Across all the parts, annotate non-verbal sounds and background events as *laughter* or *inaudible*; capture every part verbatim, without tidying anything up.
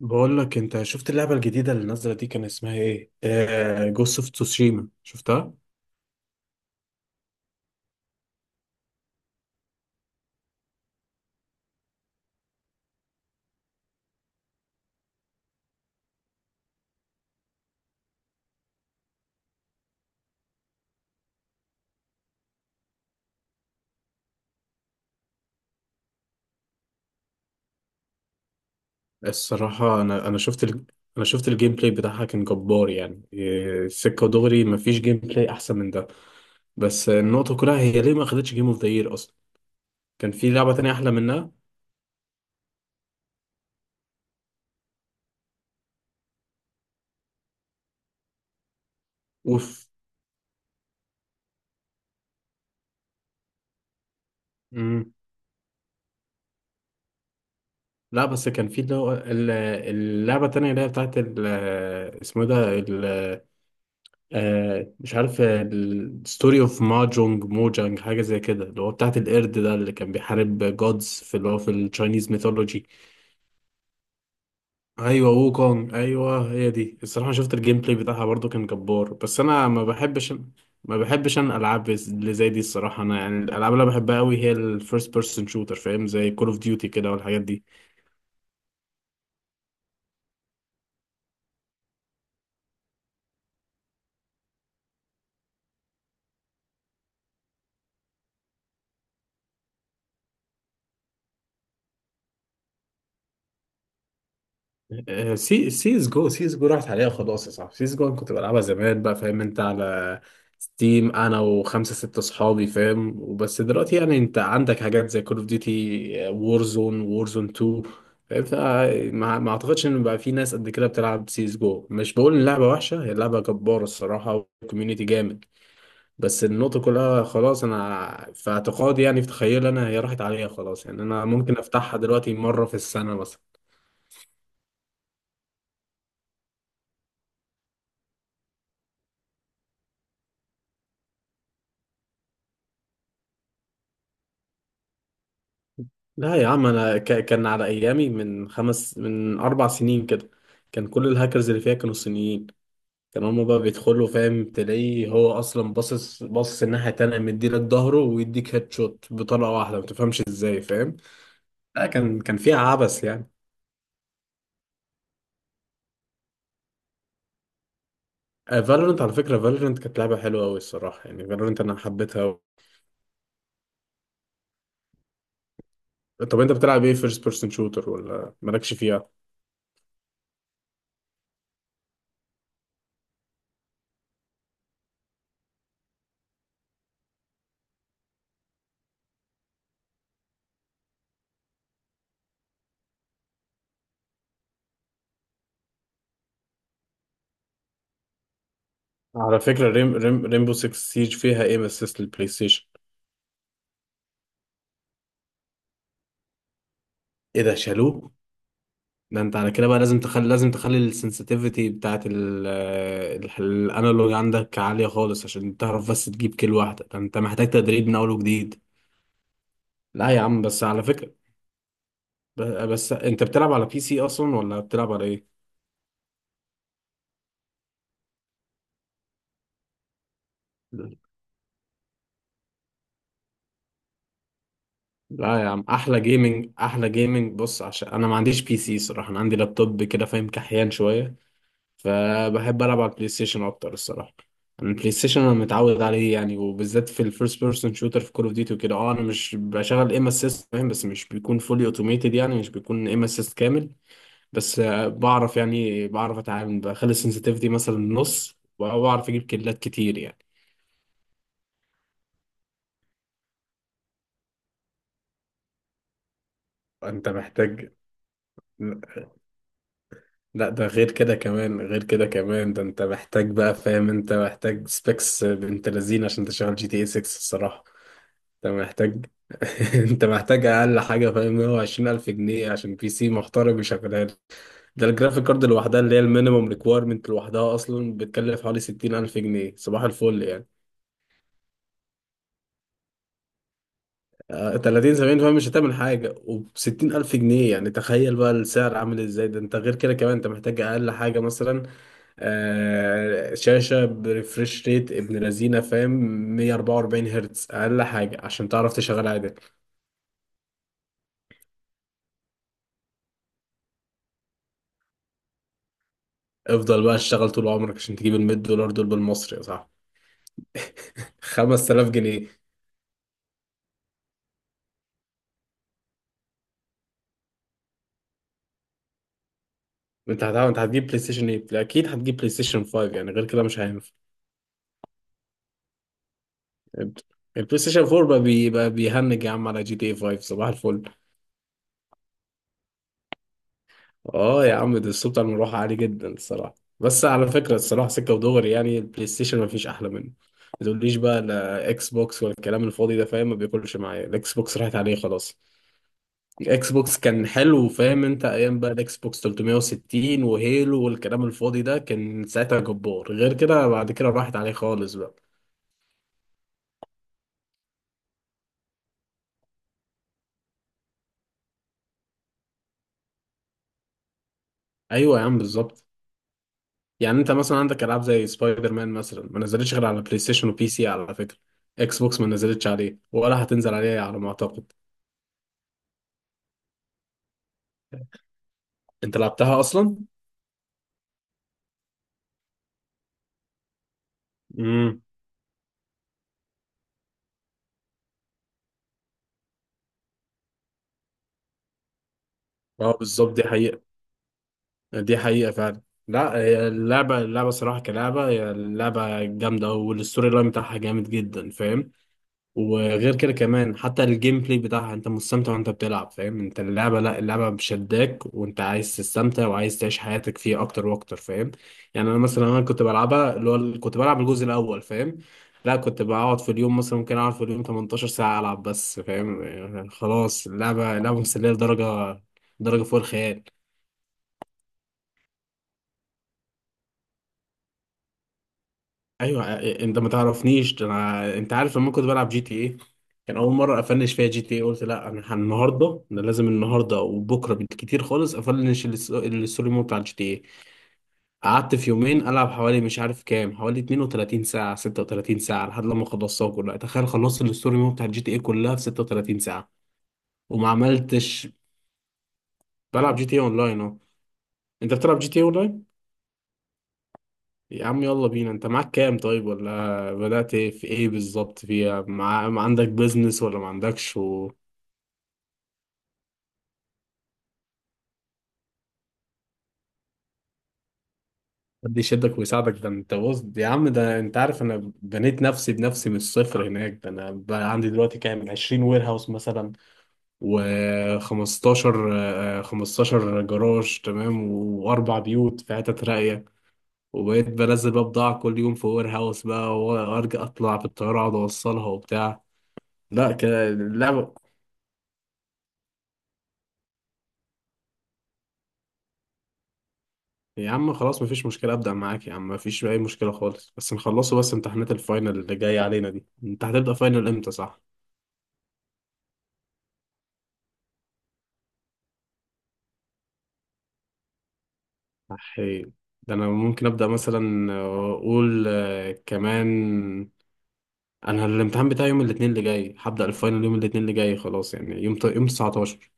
بقول لك انت شفت اللعبه الجديده اللي نازله دي كان اسمها ايه؟ آه جوست اوف تسوشيما شفتها؟ الصراحه انا انا شفت ال... انا شفت الجيم بلاي بتاعها كان جبار يعني. آه، سكه دغري، مفيش جيم بلاي احسن من ده. بس النقطه كلها، هي ليه ما خدتش جيم اوف ذا يير اصلا؟ كان في لعبه تانية احلى منها. اوف. مم. لا بس كان في اللي هو ال- اللعبه التانية اللي هي بتاعت ال- آه، اسمه إيه ده؟ آه مش عارف، الستوري اوف ماجونج موجانج حاجة زي كده، اللي هو بتاعت القرد ده اللي كان بيحارب جودز في اللي هو في التشاينيز ميثولوجي. ايوه ووكونج، ايوه هي دي. الصراحة شفت الجيم بلاي بتاعها برضو كان جبار، بس انا ما بحبش. ما بحبش انا العاب اللي زي دي الصراحة. انا يعني الالعاب اللي أنا بحبها قوي هي الفيرست بيرسون شوتر، فاهم؟ زي كول اوف ديوتي كده والحاجات دي. آه، سي سيز جو سيز جو راحت عليها خلاص يا صاحبي. سيز جو أنا كنت بلعبها زمان بقى، فاهم؟ انت على ستيم انا وخمسه سته اصحابي، فاهم؟ وبس دلوقتي يعني انت عندك حاجات زي كول اوف ديوتي، وورزون، وورزون اتنين، فاهم؟ فما ما اعتقدش ان بقى في ناس قد كده بتلعب سيز جو. مش بقول ان اللعبه وحشه، هي لعبه جباره الصراحه، والكوميونتي جامد. بس النقطه كلها خلاص. انا في اعتقادي يعني في تخيلي انا، هي راحت عليها خلاص يعني. انا ممكن افتحها دلوقتي مره في السنه مثلا. لا يا عم، انا ك- كان على ايامي من خمس من اربع سنين كده. كان كل الهاكرز اللي فيها كانوا صينيين. كانوا هما بقى بيدخلوا، فاهم؟ تلاقيه هو اصلا باصص باصص الناحيه التانيه، مديلك ظهره ويديك هيد شوت بطلقه واحده ما تفهمش ازاي، فاهم؟ لا، كان كان فيها عبث يعني. فالورنت، على فكره، فالورنت كانت لعبه حلوه قوي الصراحه يعني. فالورنت انا حبيتها أوي. طب انت بتلعب ايه فيرست بيرسون شوتر ولا مالكش فيها؟ على فكره، ريم ريم ريمبو سيكس سيج فيها ايه من اسيست البلاي ستيشن؟ ايه ده، شالوه؟ ده انت على كده بقى لازم تخلي، لازم تخلي السنسيتيفيتي بتاعت ال- ال- الانالوج عندك عالية خالص عشان تعرف بس تجيب كيل واحدة. ده انت محتاج تدريب من اول وجديد. لا يا عم، بس على فكرة، ب- بس انت بتلعب على بي سي اصلا ولا بتلعب على ايه؟ لا يا عم، احلى جيمنج احلى جيمنج بص، عشان انا ما عنديش بي سي صراحة، انا عندي لابتوب كده فاهم، كحيان شوية. فبحب العب على البلاي ستيشن اكتر الصراحه. أنا البلاي ستيشن انا متعود عليه يعني، وبالذات في الفيرست بيرسون شوتر، في كول اوف ديوتي وكده. اه، انا مش بشغل ايم اسيست، فاهم؟ بس مش بيكون فولي اوتوميتد، يعني مش بيكون ايم اسيست كامل. بس آه، بعرف يعني، بعرف اتعامل بخلي السنسitivities مثلا نص وبعرف اجيب كيلات كتير يعني. انت محتاج. لا، ده غير كده كمان، غير كده كمان، ده انت محتاج بقى، فاهم؟ انت محتاج سبيكس بنت لذين عشان تشغل جي تي اي سيكس الصراحه. انت محتاج *laughs* انت محتاج اقل حاجه، فاهم؟ مية وعشرين الف جنيه عشان بي سي محترم يشغلها لك. ده الجرافيك كارد لوحدها اللي هي المينيمم ريكويرمنت لوحدها اصلا بتكلف حوالي ستين الف جنيه، صباح الفل يعني. آه، تلاتين سبعين فاهم مش هتعمل حاجه، وب ستين الف جنيه يعني، تخيل بقى السعر عامل ازاي. ده انت غير كده كمان انت محتاج اقل حاجه مثلا. آه، شاشة بريفريش ريت ابن لذينة، فاهم؟ مية واربعة واربعين هرتز أقل حاجة عشان تعرف تشغل عادي. افضل بقى اشتغل طول عمرك عشان تجيب ال مية دولار دول بالمصري يا صاحبي. *laughs* خمس تلاف جنيه. انت هتعمل، انت هتجيب بلاي ستيشن تمانية؟ لا، اكيد هتجيب بلاي ستيشن خمسة يعني، غير كده مش هينفع. البلاي ستيشن اربعة بقى بيبقى بيهنج يا عم على جي تي اي خمسة، صباح الفل. اه يا عم، ده الصوت بتاع المروحه عالي جدا الصراحه. بس على فكره الصراحه، سكه ودغري يعني، البلاي ستيشن ما فيش احلى منه. ما تقوليش بقى لا اكس بوكس ولا الكلام الفاضي ده، فاهم؟ ما بياكلش معايا الاكس بوكس، راحت عليه خلاص. اكس بوكس كان حلو، فاهم؟ انت ايام بقى الاكس بوكس ثلاثمية وستين وهيلو والكلام الفاضي ده كان ساعتها جبار. غير كده بعد كده راحت عليه خالص بقى. ايوه يا عم بالظبط. يعني انت مثلا عندك العاب زي سبايدر مان مثلا ما نزلتش غير على بلاي ستيشن وبي سي على فكره. اكس بوكس ما نزلتش عليه ولا هتنزل عليه على ما اعتقد. انت لعبتها اصلا؟ امم اه بالظبط، دي حقيقه. دي حقيقه فعلا. لا هي اللعبه، اللعبه صراحه كلعبه، هي اللعبه جامده والستوري لاين بتاعها جامد جدا، فاهم؟ وغير كده كمان حتى الجيم بلاي بتاعها انت مستمتع وانت بتلعب، فاهم؟ انت اللعبة، لا اللعبة بشداك، وانت عايز تستمتع وعايز تعيش حياتك فيه اكتر واكتر، فاهم؟ يعني انا مثلا انا كنت بلعبها اللي هو ال- كنت بلعب الجزء الاول، فاهم؟ لا، كنت بقعد في اليوم مثلا ممكن اقعد في اليوم تمنتاشر ساعة العب بس، فاهم؟ يعني خلاص اللعبة، اللعبة مسلية لدرجة، درجة فوق الخيال. ايوه آه، انت ما تعرفنيش ده، انا انت عارف لما كنت بلعب جي تي ايه. كان اول مره افنش فيها جي تي ايه، قلت لا، انا هن- النهارده انا لازم النهارده وبكره بالكتير خالص افنش الس- الستوري مود بتاع الجي تي ايه. قعدت في يومين العب حوالي مش عارف كام، حوالي اتنين وتلاتين ساعه، ستة وتلاتين ساعه، لحد لما خلصتها كلها. تخيل خلصت الستوري مود بتاع الجي تي ايه كلها في ستة وتلاتين ساعه. وما عملتش. بلعب جي تي ايه اونلاين اهو. انت بتلعب جي تي ايه اونلاين؟ يا عم يلا بينا، انت معاك كام طيب ولا بدأت ايه؟ في ايه بالظبط فيها مع... ما عندك بيزنس ولا ما عندكش و... حد يشدك ويساعدك؟ ده انت بص يا عم، ده انت عارف انا بنيت نفسي بنفسي من الصفر هناك. ده انا بقى عندي دلوقتي كام، عشرين وير هاوس مثلا، و15 خمستاشر جراج تمام، واربع بيوت في حتت راقية. وبقيت بنزل بقى بضاعة كل يوم في وير هاوس بقى، وارجع اطلع بالطيارة اقعد اوصلها وبتاع. لا كده لا. يا عم خلاص مفيش مشكلة، أبدأ معاك يا عم، مفيش أي مشكلة خالص. بس نخلصه، بس امتحانات الفاينل اللي جاية علينا دي، أنت هتبدأ فاينل إمتى صح؟ أحي. ده أنا ممكن أبدأ مثلا آه، أقول آه، كمان. أنا الامتحان بتاعي يوم الاثنين اللي جاي، هبدأ الفاينل يوم الاثنين اللي جاي خلاص يعني يوم ت- يوم تسعتاشر.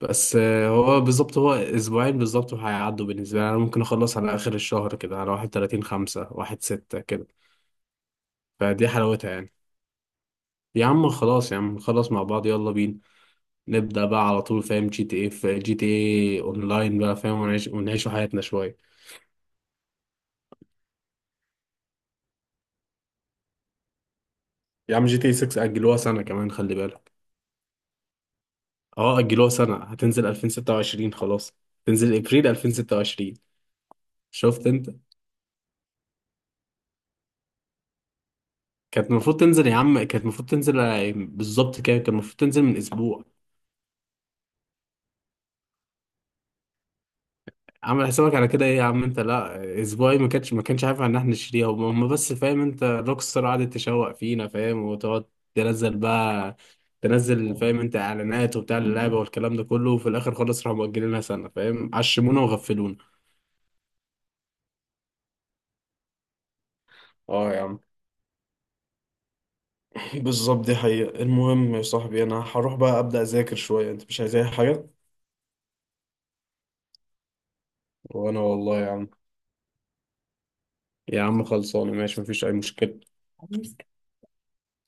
بس آه، هو بالظبط هو أسبوعين بالظبط وهيعدوا بالنسبة لي. أنا ممكن أخلص على آخر الشهر كده، على واحد وتلاتين خمسة واحد ستة كده، فدي حلاوتها يعني. يا عم خلاص، يا عم نخلص مع بعض، يلا بينا نبدأ بقى على طول، فاهم؟ جي تي ايه، في جي تي ايه اونلاين بقى، فاهم؟ ونعيش ونعيشوا حياتنا شوية. يا عم جي تي ايه سيكس أجلوها سنة كمان خلي بالك. اه أجلوها سنة، هتنزل الفين وستة وعشرين خلاص، تنزل ابريل الفين وستة وعشرين. شفت انت؟ كانت المفروض تنزل يا عم، كانت المفروض تنزل آه، بالظبط كده، كان المفروض تنزل من اسبوع. عامل حسابك على كده ايه يا عم؟ انت لا، اسبوعي ما كانش ما كانش عارف ان احنا نشتريها، هم هم بس، فاهم؟ انت روك ستار قعدت تشوق فينا، فاهم؟ وتقعد تنزل بقى، تنزل، فاهم؟ انت اعلانات وبتاع اللعبه والكلام ده كله، وفي الاخر خلاص راحوا مؤجلينها سنه، فاهم؟ عشمونا وغفلونا. اه يا عم بالظبط، دي حقيقة. المهم يا صاحبي، انا هروح بقى ابدأ اذاكر شوية، انت مش عايز اي حاجة؟ وانا والله يا عم، يا عم خلصانه، ماشي مفيش اي مشكله.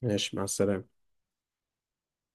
ماشي مع السلامه.